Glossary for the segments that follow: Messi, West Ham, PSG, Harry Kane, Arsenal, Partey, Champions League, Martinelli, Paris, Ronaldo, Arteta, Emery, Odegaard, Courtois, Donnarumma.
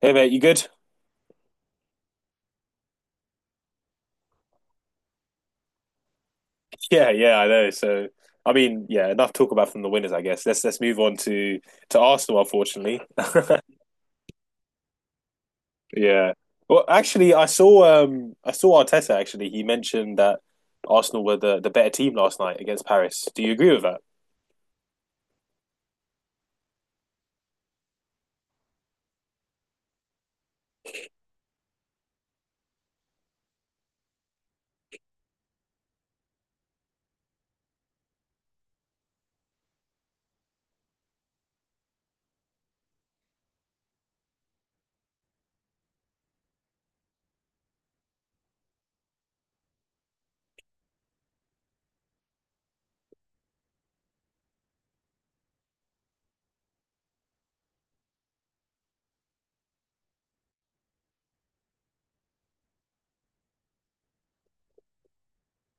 Hey mate, you good? Yeah, yeah, I know. Enough talk about from the winners, I guess. Let's move on to Arsenal, unfortunately. Yeah. Well, actually, I saw Arteta actually. He mentioned that Arsenal were the better team last night against Paris. Do you agree with that?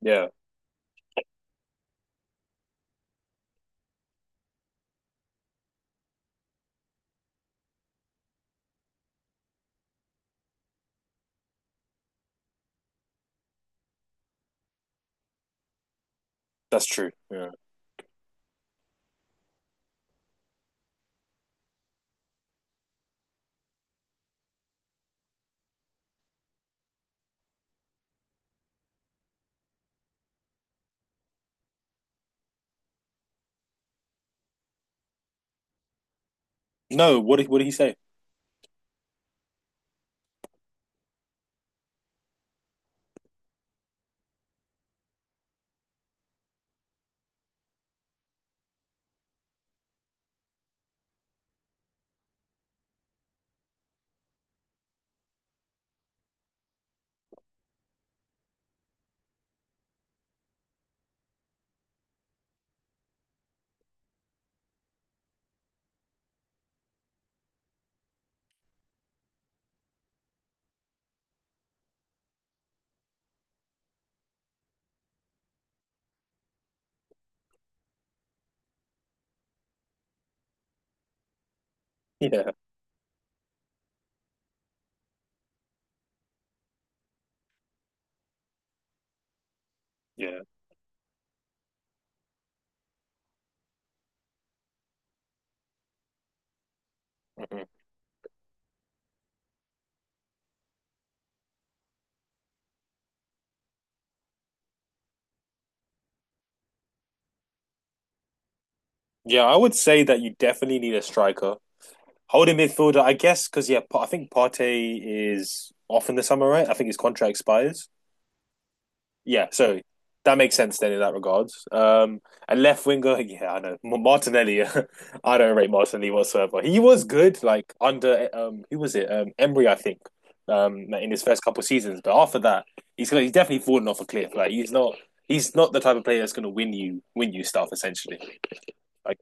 Yeah, that's true. Yeah. No, what did he say? Yeah, yeah, hmm yeah. I would say that you definitely need a striker, holding midfielder, I guess, because yeah, I think Partey is off in the summer, right? I think his contract expires. Yeah, so that makes sense then in that regards. And left winger, yeah, Martinelli. I don't rate Martinelli whatsoever. He was good, like under who was it? Emery, I think. In his first couple of seasons, but after that, he's definitely fallen off a cliff. Like he's not the type of player that's gonna win you stuff essentially. Like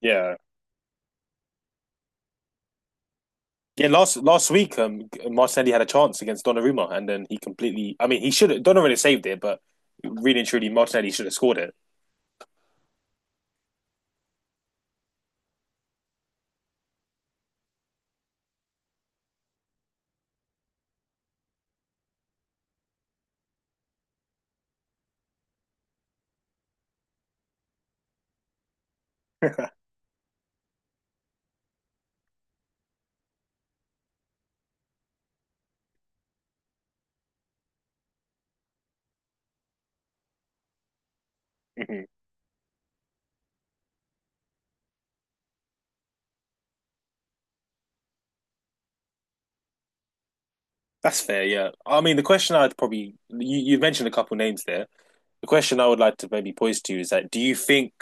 yeah. Yeah, last week, Martinelli had a chance against Donnarumma, and then he completely. I mean, he should have. Donnarumma really saved it, but really and truly, Martinelli should have scored it. Hmm. That's fair, yeah. I mean, the question I'd probably. You mentioned a couple names there. The question I would like to maybe pose to you is that do you think.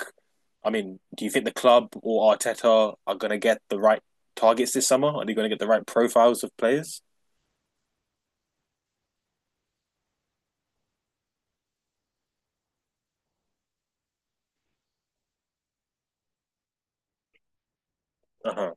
I mean, do you think the club or Arteta are going to get the right targets this summer? Are they going to get the right profiles of players? Uh huh.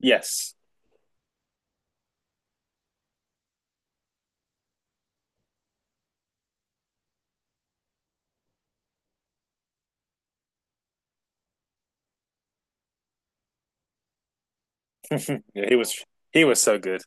Yes. Yeah, he was. He was so good.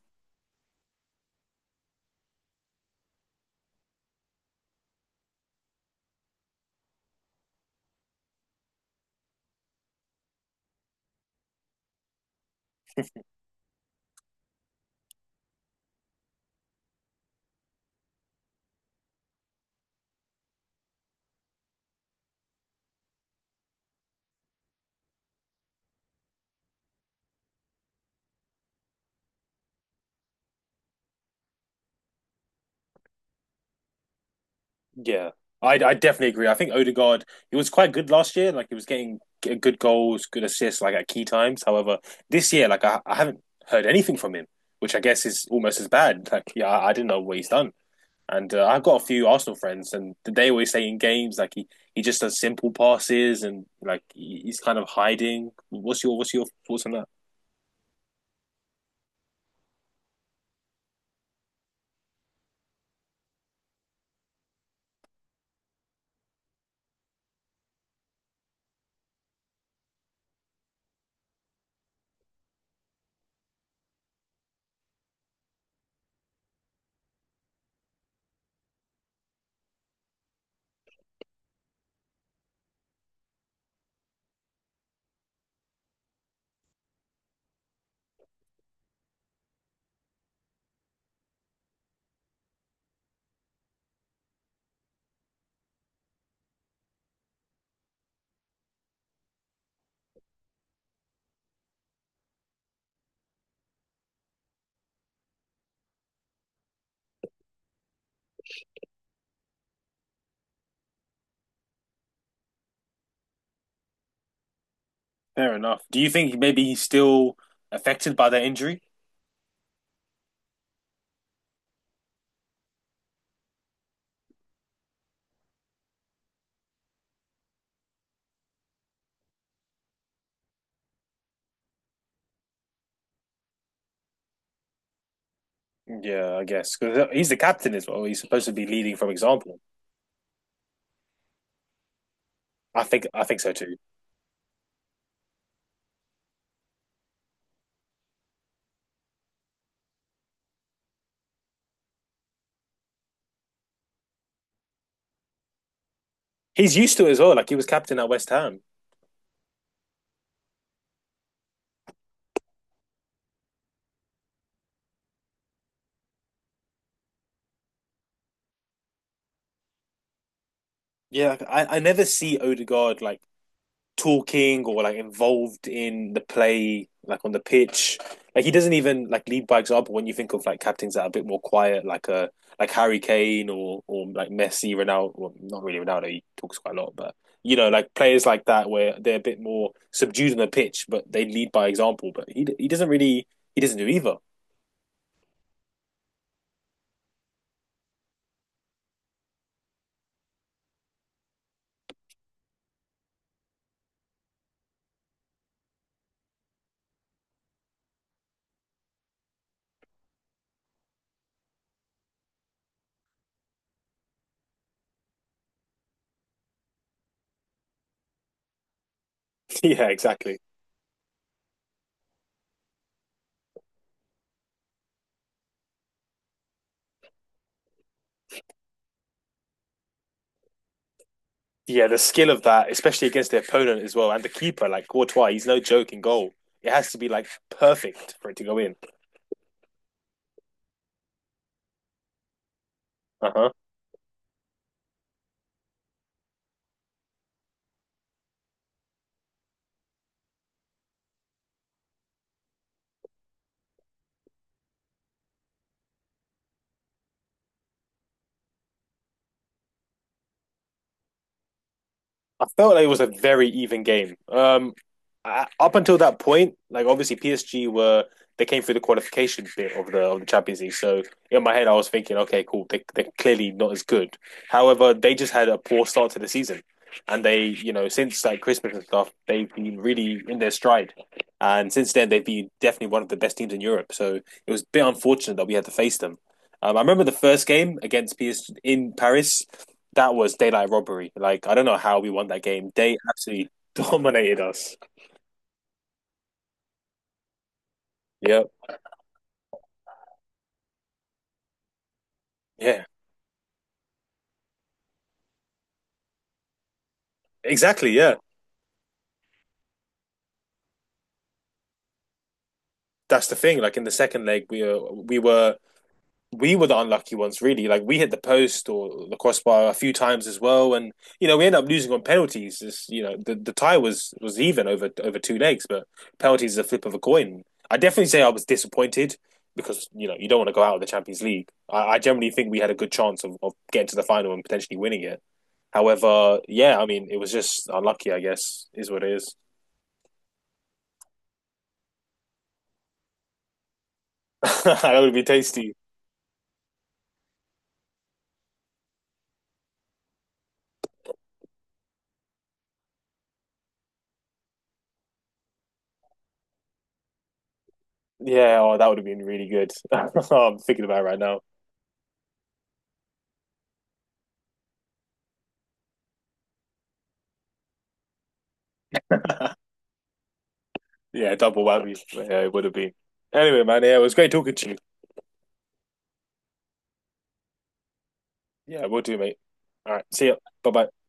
Yeah, I definitely agree. I think Odegaard he was quite good last year. Like he was getting good goals, good assists, like at key times. However, this year, like I haven't heard anything from him, which I guess is almost as bad. Like yeah, I didn't know what he's done. And I've got a few Arsenal friends, and they always say in games he just does simple passes and he's kind of hiding. What's your thoughts on that? Fair enough. Do you think maybe he's still affected by that injury? Yeah, I guess because he's the captain as well. He's supposed to be leading from example. I think so too. He's used to it as well. Like he was captain at West Ham. Yeah, like, I never see Odegaard like talking or like involved in the play, like on the pitch. Like he doesn't even like lead by example when you think of like captains that are a bit more quiet, like a like Harry Kane or like Messi, Ronaldo. Well, not really Ronaldo. He talks quite a lot, but you know, like players like that where they're a bit more subdued on the pitch, but they lead by example. But he doesn't do either. Yeah, exactly. Yeah, the skill of that, especially against the opponent as well, and the keeper, like Courtois, he's no joke in goal. It has to be like perfect for it to go in. Uh huh. I felt like it was a very even game. Up until that point, like obviously PSG were they came through the qualification bit of the Champions League. So in my head, I was thinking, okay, cool, they're clearly not as good. However, they just had a poor start to the season, and they, you know, since like Christmas and stuff, they've been really in their stride. And since then, they've been definitely one of the best teams in Europe. So it was a bit unfortunate that we had to face them. I remember the first game against PSG in Paris that was daylight robbery. Like I don't know how we won that game. They absolutely dominated us. Yep. Yeah. Exactly. Yeah. That's the thing. Like in the second leg, we were the unlucky ones, really. Like we hit the post or the crossbar a few times as well, and you know we ended up losing on penalties. It's, you know the tie was even over over two legs, but penalties is a flip of a coin. I definitely say I was disappointed because you know you don't want to go out of the Champions League. I generally think we had a good chance of getting to the final and potentially winning it. However, yeah, I mean it was just unlucky. I guess is what it is. That would be tasty. Yeah, oh, that would have been really good. I'm thinking about it right now. Yeah, double whammy. Yeah, it would have been. Anyway, man, yeah, it was great talking to you. Yeah, we'll do, mate. All right, see ya. Bye bye.